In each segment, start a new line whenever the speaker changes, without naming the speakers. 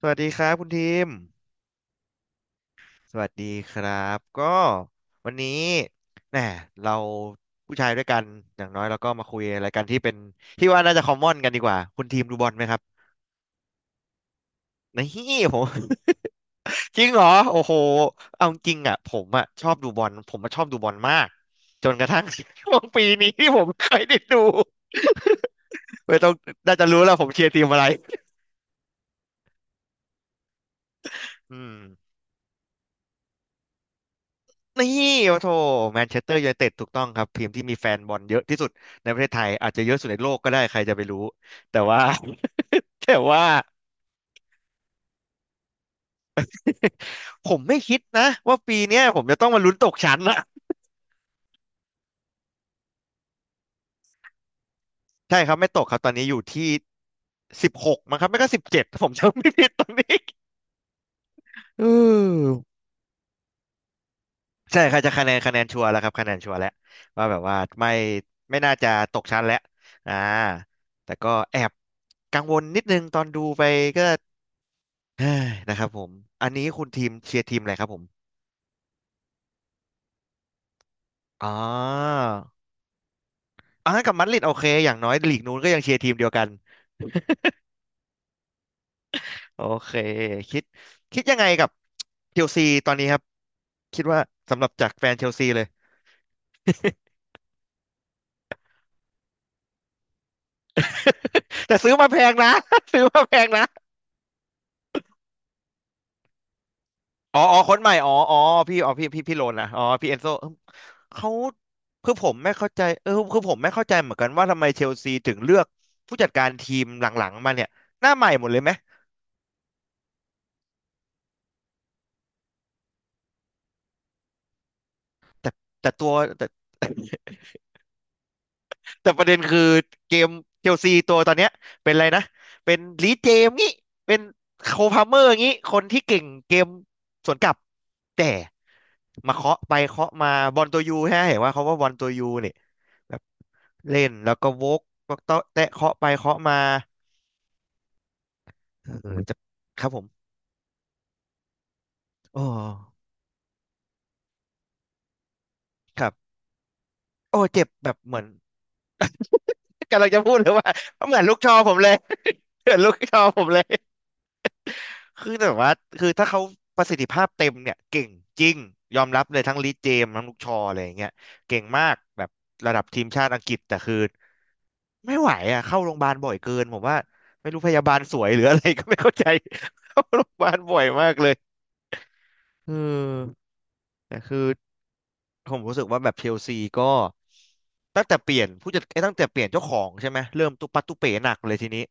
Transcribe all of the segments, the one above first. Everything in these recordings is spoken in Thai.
สวัสดีครับคุณทีมสวัสดีครับก็วันนี้แหมเราผู้ชายด้วยกันอย่างน้อยเราก็มาคุยอะไรกันที่เป็นที่ว่าน่าจะคอมมอนกันดีกว่าคุณทีมดูบอลไหมครับนี่ผม จริงเหรอโอ้โหเอาจริงอ่ะผมอ่ะชอบดูบอลผมมาชอบดูบอลมากจนกระทั่ง ช่วงปีนี้ที่ผมเคยได้ดูไม่ต้องน่าจะรู้แล้วผมเชียร์ทีมอะไรอืม นี่โอ้โถแมนเชสเตอร์ยูไนเต็ดถูกต้องครับทีมที่มีแฟนบอลเยอะที่สุดในประเทศไทยอาจจะเยอะสุดในโลกก็ได้ใครจะไปรู้แต่ว่า แต่ว่าผมไม่คิดนะว่าปีเนี้ยผมจะต้องมาลุ้นตกชั้นนะใช่ครับไม่ตกครับตอนนี้อยู่ที่สิบหกมั้งครับไม่ก็สิบเจ็ดผมจำไม่ผิดตอนนี้เออใช่ครับจะคะแนนชัวร์แล้วครับคะแนนชัวร์แล้วว่าแบบว่าไม่น่าจะตกชั้นแล้วอ่าแต่ก็แอบกังวลนิดนึงตอนดูไปก็ เฮ้ยนะครับผมอันนี้คุณทีมเชียร์ทีมอะไรครับผมอ๋ออ่ากับมัดริดโอเคอย่างน้อยลีกนู้นก็ยังเชียร์ทีมเดียวกันโอเคคิดคิดยังไงกับเชลซีตอนนี้ครับคิดว่าสำหรับจากแฟนเชลซีเลย แต่ซื้อมาแพงนะ ซื้อมาแพงนะอ๋ออ๋อคนใหม่อ๋ออ๋อพี่อ๋อพี่โลนนะอ๋อพี่เอนโซเอิ่มเขาคือผมไม่เข้าใจคือผมไม่เข้าใจเหมือนกันว่าทำไมเชลซีถึงเลือกผู้จัดการทีมหลังๆมาเนี่ยหน้าใหม่หมดเลยไหมแต่แต่ตัวแต่ แต่ประเด็นคือเกมเชลซีตัวตอนเนี้ยเป็นอะไรนะเป็นลีดเจมส์งี้เป็นโคลพาเมอร์งี้คนที่เก่งเกมสวนกลับแต่มาเคาะไปเคาะมาบอลตัวยูฮะเห็นว่าเขาว่าบอลตัวยูเนี่ยแบบเล่นแล้วก็วกวกเตะแตะเคาะไปเคาะมาเออจะครับผมโอ้ครับโอ้เจ็บแบบเหมือนกำลังจะพูดเลยว่าเหมือนลูกชอผมเลย เหมือนลูกชอผมเลย คือแบบว่าคือถ้าเขาประสิทธิภาพเต็มเนี่ยเก่งจริงยอมรับเลยทั้งลีเจมส์ทั้งลูกชออะไรอย่างเงี้ยเก่งมากแบบระดับทีมชาติอังกฤษแต่คือไม่ไหวอ่ะเข้าโรงพยาบาลบ่อยเกินผมว่าไม่รู้พยาบาลสวยหรืออะไรก็ไม่เข้าใจ เข้าโรงพยาบาลบ่อยมากเลยเออแต่คือผมรู้สึกว่าแบบเชลซีก็ตั้งแต่เปลี่ยนผู้จัดไอ้ยตั้งแต่เปลี่ยนเจ้าของใช่ไหมเริ่มตุปัดตุเป๋หนักเลยทีนี้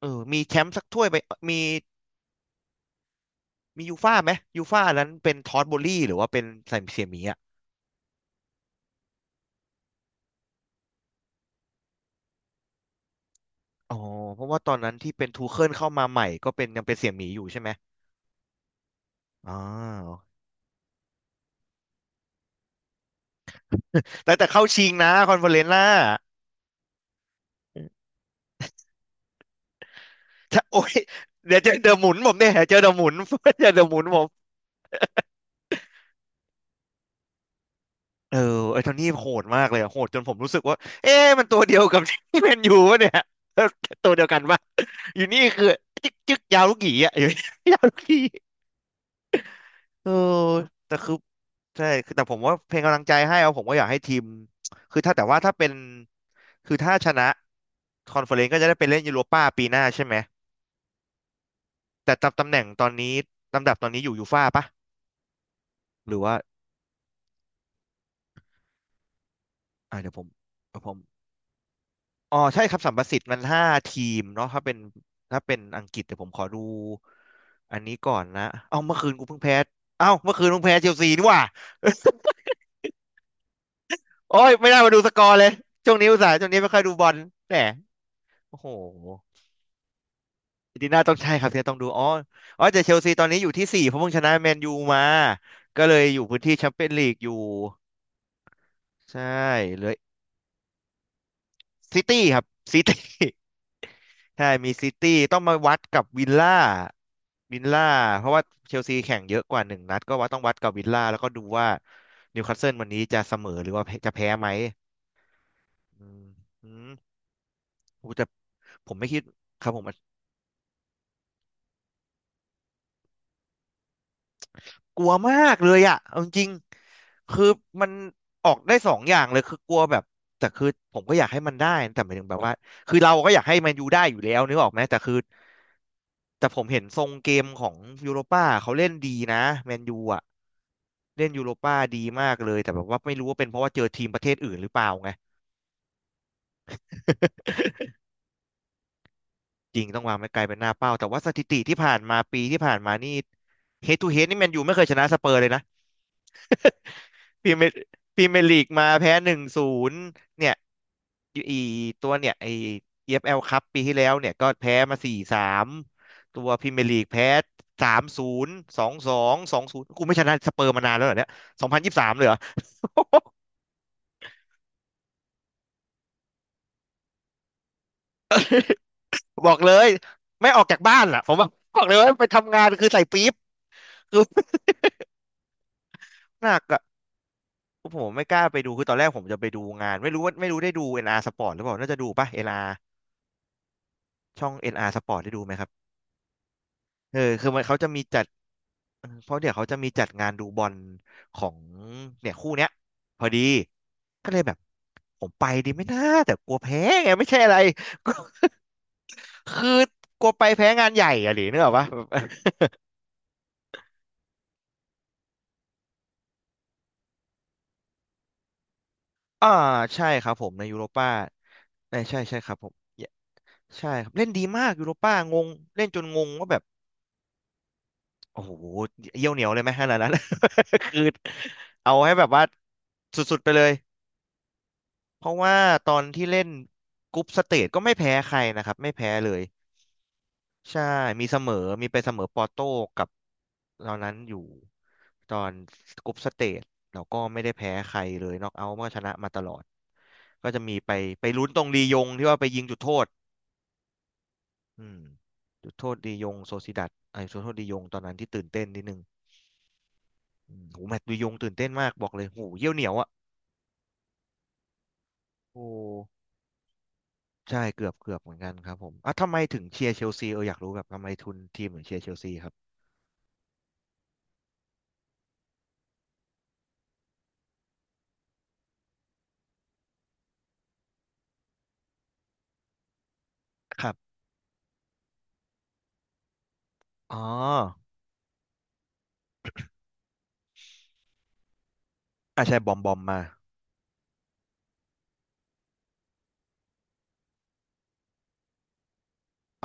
เออมีแชมป์สักถ้วยไปมี มียูฟ่าไหมยูฟ่านั้นเป็นทอตโบลี่หรือว่าเป็นใส่เสี่ยหมีอ่ะอ๋อเพราะว่าตอนนั้นที่เป็นทูเคิลเข้ามาใหม่ก็เป็นยังเป็นเสี่ยหมีอยู่ใช่ไหมอ๋อแต่เข้าชิงนะคอนเฟอเรนซ์น่ะถ้าโอ้ยเดี๋ยวเจอเดอะหมุนผมเนี่ยเจอเดอะหมุน เจอเดอะหมุนผมเออไอ้โทนี่โหดมากเลยอะโหดจนผมรู้สึกว่าเอ๊ะมันตัวเดียวกับที่แมนยูวะเนี่ย ตัวเดียวกันปะอยู่นี่คือจึ๊กจึ๊กยาวลูกหยีอะอยู่ ยาวลูกหยี เออแต่คือใช่คือแต่ผมว่าเพลงกำลังใจให้เอาผมก็อยากให้ทีมคือถ้าแต่ว่าถ้าเป็นคือถ้าชนะคอนเฟอเรนซ์ก็จะได้ไปเล่นยูโรป้าปีหน้าใช่ไหมแต่ตำตำแหน่งตอนนี้ลำดับตอนนี้อยู่ยูฟ่าปะหรือว่าอ่าเดี๋ยวผมเดี๋ยวผมอ๋อใช่ครับสัมประสิทธิ์มันห้าทีมเนาะถ้าเป็นถ้าเป็นอังกฤษเดี๋ยวผมขอดูอันนี้ก่อนนะเอ้าเมื่อคืนกูเพิ่งแพ้เอ้าเมื่อคืนเพิ่งแพ้เชลซีนี่หว่า โอ้ยไม่ได้มาดูสกอร์เลยช่วงนี้อุตส่าห์ช่วงนี้ไม่ค่อยดูบอลแหม โอ้โหอาร์เจนติน่าต้องใช่ครับที่ต้องดูอ๋ออ๋อแต่เชลซีตอนนี้อยู่ที่สี่เพราะเพิ่งชนะแมนยูมาก็เลยอยู่พื้นที่แชมเปี้ยนลีกอยู่ใช่เหลยซิตี้ครับซิตี้ ใช่มีซิตี้ต้องมาวัดกับวิลล่าวิลล่าเพราะว่าเชลซีแข่งเยอะกว่าหนึ่งนัดก็ว่าต้องวัดกับวิลล่าแล้วก็ดูว่านิวคาสเซิลวันนี้จะเสมอหรือว่าจะแพ้ไหมอืมอืมโอ้แต่ผมไม่คิดครับผม กลัวมากเลยอ่ะเอาจริงๆคือมันออกได้สองอย่างเลยคือกลัวแบบแต่คือผมก็อยากให้มันได้แต่หมายถึงแบบว่าคือเราก็อยากให้แมนยูได้อยู่แล้วนึกออกไหมแต่คือแต่ผมเห็นทรงเกมของยูโรป้าเขาเล่นดีนะแมนยูอ่ะเล่นยูโรป้าดีมากเลยแต่แบบว่าไม่รู้ว่าเป็นเพราะว่าเจอทีมประเทศอื่นหรือเปล่าไง จริงต้องวางไม่ไกลเป็นหน้าเป้าแต่ว่าสถิติที่ผ่านมาปีที่ผ่านมานี่เฮดทูเฮดนี่แมนยูไม่เคยชนะสเปอร์เลยนะ พรีเมียร์พรีเมียร์ลีกมาแพ้1-0เนี่ยอีตัวเนี่ยไอ EFL ครับปีที่แล้วเนี่ยก็แพ้มาสี่สามตัวพรีเมียร์ลีกแพ้3-02-22-0กูไม่ชนะสเปอร์มานานแล้วเหรอเนี่ย2023เลยเหรอบอกเลยไม่ออกจากบ้านล่ะผมบอกบอกเลยว่าไปทำงานคือใส่ปี๊บคือหนักอะผมไม่กล้าไปดูคือตอนแรกผมจะไปดูงานไม่รู้ว่าไม่รู้ได้ดู NR Sport หรือเปล่าน่าจะดูป่ะ NR ช่อง NR Sport ได้ดูไหมครับเออคือมันเขาจะมีจัด เออเพราะเดี๋ยวเขาจะมีจัดงานดูบอลของเนี่ยคู่เนี้ยพอดีก็เลยแบบผมไปดีไหม่น่าแต่กลัวแพ้ไงไม่ใช่อะไร คือกลัวไปแพ้งานใหญ่อะหรือเนกอะปะ อ่าใช่ครับผมในยูโรป้าใช่ใช่ใช่ครับผมใช่ครับเล่นดีมากยูโรป้างงเล่นจนงงว่าแบบโอ้โหเยี่ยวเหนียวเลยไหมขนาดนั้น คือเอาให้แบบว่าสุดๆไปเลยเพราะว่าตอนที่เล่นกรุ๊ปสเตจก็ไม่แพ้ใครนะครับไม่แพ้เลย ใช่มีเสมอมีไปเสมอปอร์โต้กับตอนนั้นอยู่ตอนกรุ๊ปสเตจเราก็ไม่ได้แพ้ใครเลยน็อกเอาท์ก็ชนะมาตลอดก็จะมีไปไปลุ้นตรงลียงที่ว่าไปยิงจุดโทษอืมจุดโทษลียงโซซิดัดไอ้ยจุดโทษลียงตอนนั้นที่ตื่นเต้นนิดนึงโหแมตช์ลียงตื่นเต้นมากบอกเลยโหเยี่ยวเหนียวอ่ะโอ้ใช่เกือบเกือบเหมือนกันครับผมอ่ะทำไมถึงเชียร์เชลซีเอออยากรู้แบบทำไมทุนทีมถึงเชียร์เชลซีครับครับอ๋ออ่ะใช่บอมบอมมา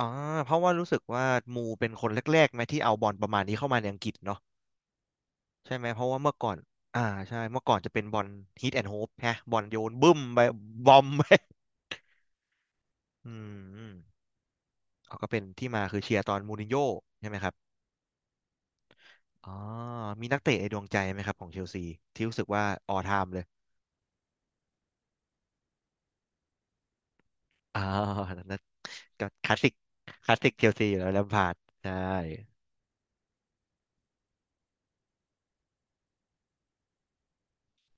อ่าเพราะว่ารู้สึกว่ามูเป็นคนแรกๆไหมที่เอาบอลประมาณนี้เข้ามาในอังกฤษเนาะใช่ไหมเพราะว่าเมื่อก่อนอ่าใช่เมื่อก่อนจะเป็นบอลฮิตแอนด์โฮปฮะบอลโยนบึ้มไปบอมไป อืมอืมเขาก็เป็นที่มาคือเชียร์ตอนมูรินโญ่ใช่ไหมครับอ๋อมีนักเตะในดวงใจไหมครับของเชลซีที่รู้สึกว่าออไทม์เลยอ๋อนั่นนะก็คลาสสิกคลาสสิกเชลซีอยู่แล้วแลมพาร์ดใช่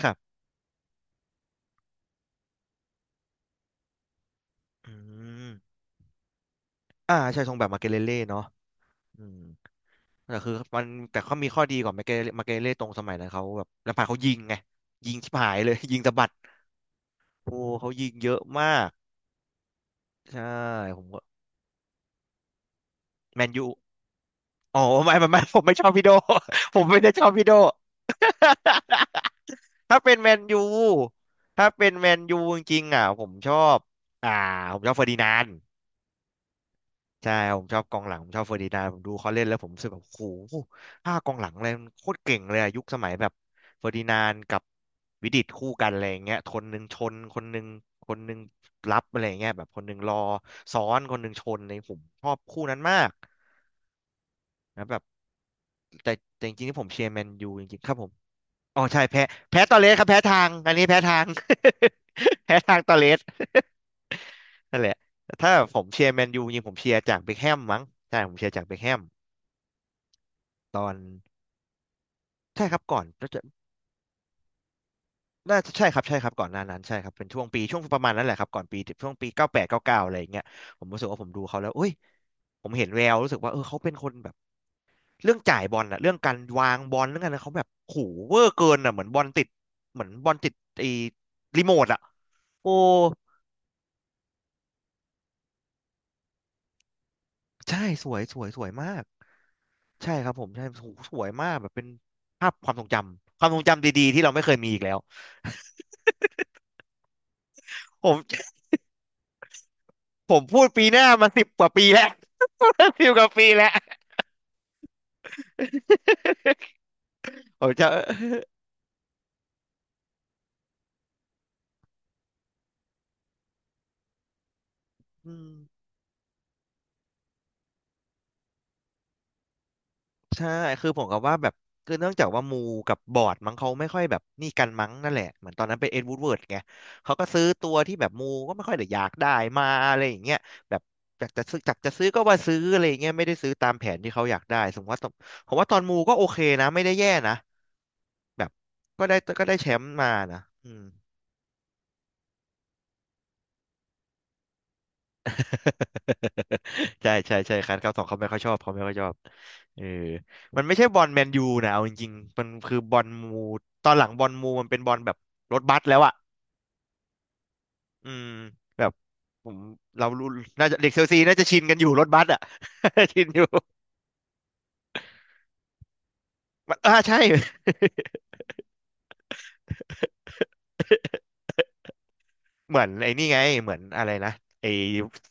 ครับอืมอ่าใช่ทรงแบบมาเกเลเล่เนาะอืม แต่คือมันแต่เขามีข้อดีกว่ามาเกเรมาเกเรตรงสมัยนั้นเขาแบบลำพังเขายิงไงยิงชิบหายเลย ยิงสะบัดโอ้เขายิงเยอะมากใช่ผมก็แมนยูอ๋อไม่ไม่ไม่ ผมไม่ชอบพี่โด ผมไม่ได้ชอบพี่โด ถ้าเป็นแมนยูถ้าเป็นแมนยูจริงๆอ่ะผมชอบอ่าผมชอบเฟอร์ดินานด์ ใช่ผมชอบกองหลังผมชอบเฟอร์ดินานด์ผมดูเขาเล่นแล้วผมรู้สึกแบบโอ้โหห้ากองหลังเลยมันโคตรเก่งเลยอะยุคสมัยแบบเฟอร์ดินานด์กับวิดิตคู่กันอะไรอย่างเงี้ยคนหนึ่งชนคนหนึ่งคนหนึ่งรับอะไรอย่างเงี้ยแบบคนหนึ่งรอซ้อนคนหนึ่งชนในยผมชอบคู่นั้นมากนะแบบแต่แต่จริงๆที่ผมเชียร์แมนยูจริงๆครับผมอ๋อใช่แพ้แพ้ตอเรสครับแพ้ทางอันนี้แพ้ทาง แพ้ทางตอเรสนั่นแหละแต่ถ้าผมเชียร์แมนยูจริงๆผมเชียร์จากเบคแฮมมั้งใช่ผมเชียร์จากเบคแฮม ตอนใช่ครับก่อนน่าจะน่าจะใช่ครับใช่ครับก่อนหน้านั้นใช่ครับเป็นช่วงปีช่วงประมาณนั้นแหละครับก่อนปีช่วงปี98-99อะไรอย่างเงี้ยผมรู้สึกว่าผมดูเขาแล้วเอ้ยผมเห็นแววรู้สึกว่าเออเขาเป็นคนแบบเรื่องจ่ายบอลอะเรื่องการวางบอลเรื่องอะไรเขาแบบโหเวอร์เกินอะเหมือนบอลติดเหมือนบอลติดไอ้รีโมทอะโอ้ใช่สวยสวยสวยมากใช่ครับผมใช่โหสวยมากแบบเป็นภาพความทรงจำความทรงจำดีๆที่เราไม่เคยมีอีกแล้วผม ผมพูดปีหน้ามา10 กว่าปีแล้ว 10 กว่าปีแล้ว ผมจะอืมใช่คือผมกับว่าแบบคือเนื่องจากว่ามูกับบอร์ดมั้งเขาไม่ค่อยแบบนี่กันมั้งนั่นแหละเหมือนตอนนั้นเป็นเอ็ดวูดเวิร์ดไงเขาก็ซื้อตัวที่แบบมูก็ไม่ค่อยได้อยากได้มาอะไรอย่างเงี้ยแบบจากจะซื้อก็ว่าซื้ออะไรอย่างเงี้ยไม่ได้ซื้อตามแผนที่เขาอยากได้สมมติว่าตอนผมว่าตอนมูก็โอเคนะไม่ได้แย่นะแบบก็ได้แชมป์มานะอืม ใช่ใช่ใช่คันรับสองเขาไม่ค่อยชอบเขาไม่ค่อยชอบเออมันไม่ใช่บอลแมนยูนะเอาจริงๆมันคือบอลมูตอนหลังบอลมูมันเป็นบอลแบบรถบัสแล้วอ่ะอืมแบบผมเรารู้น่าจะเด็กเชลซีน่าจะชินกันอยู่รถบัสอ่ะ ชินอยู่มันอ่าใช่ เหมือนไอ้นี่ไงเหมือนอะไรนะไอ้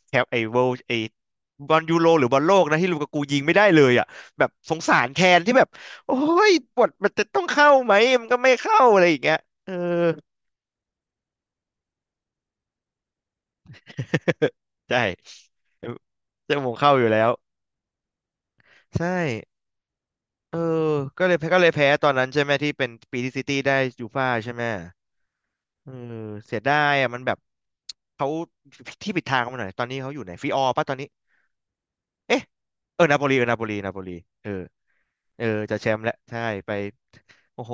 แคปไอ้เวลไอ้บอลยูโรหรือบอลโลกนะที่ลูกากูยิงไม่ได้เลยอ่ะแบบสงสารแคนที่แบบโอ้ยบทมันจะต้องเข้าไหมมันก็ไม่เข้าอะไรอย่างเงี้ยเออ ใช่เจะมงเข้าอยู่แล้วใช่เออก็เลยแพ้ตอนนั้นใช่ไหมที่เป็นปีที่ซิตี้ได้ยูฟ่าใช่ไหมเออเสียดายอ่ะมันแบบเขาที่ผิดทางเขาหน่อยตอนนี้เขาอยู่ไหนฟิออร์ป่ะตอนนี้ เอ๊ะเออนาโปลีเออนาโปลีนาโปลีเออเออจะแชมป์แล้วใช่ไปโอ้โห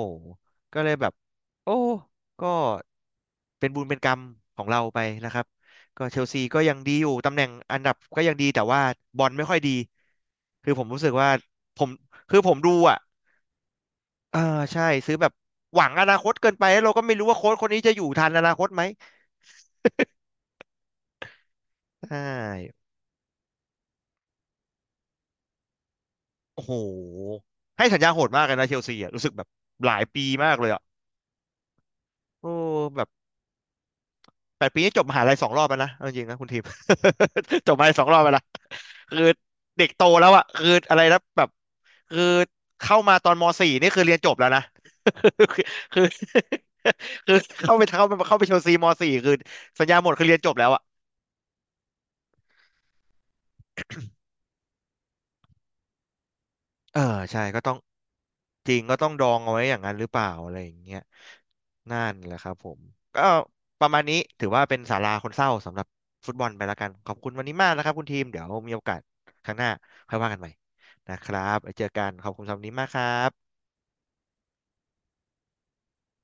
ก็เลยแบบโอ้ก็เป็นบุญเป็นกรรมของเราไปนะครับก็เชลซีก็ยังดีอยู่ตำแหน่งอันดับก็ยังดีแต่ว่าบอลไม่ค่อยดีคือผมรู้สึกว่าผมคือผมดูอ่ะเออใช่ซื้อแบบหวังอนาคตเกินไปแล้วเราก็ไม่รู้ว่าโค้ชคนนี้จะอยู่ทันอนาคตไหมใช่โอ้โหให้สัญญาโหดมากเลยนะเชลซีอ่ะรู้สึกแบบหลายปีมากเลยอ่ะโอ้แบบ 8 ปีนี่จบมหาลัยสองรอบแล้วนะเอาจริงๆนะคุณทีม จบมหาลัย2 รอบแล้วนะคือเด็กโตแล้วอะคืออะไรนะแบบคือเข้ามาตอนมสี่นี่คือเรียนจบแล้วนะ คือคือ คือเข้าไปชลซีมสี่คือสัญญาหมดคือเรียนจบแล้วอะ เออใช่ก็ต้องจริงก็ต้องดองเอาไว้อย่างนั้นหรือเปล่าอะไรอย่างเงี้ยนั่นแหละครับผมก็ประมาณนี้ถือว่าเป็นสาราคนเศร้าสำหรับฟุตบอลไปแล้วกันขอบคุณวันนี้มากนะครับคุณทีมเดี๋ยวมีโอกาสครั้งหน้าค่อยว่ากันใหม่นะครับไว้เจอกันขอบคุณสำหรับวันนี้มากครับ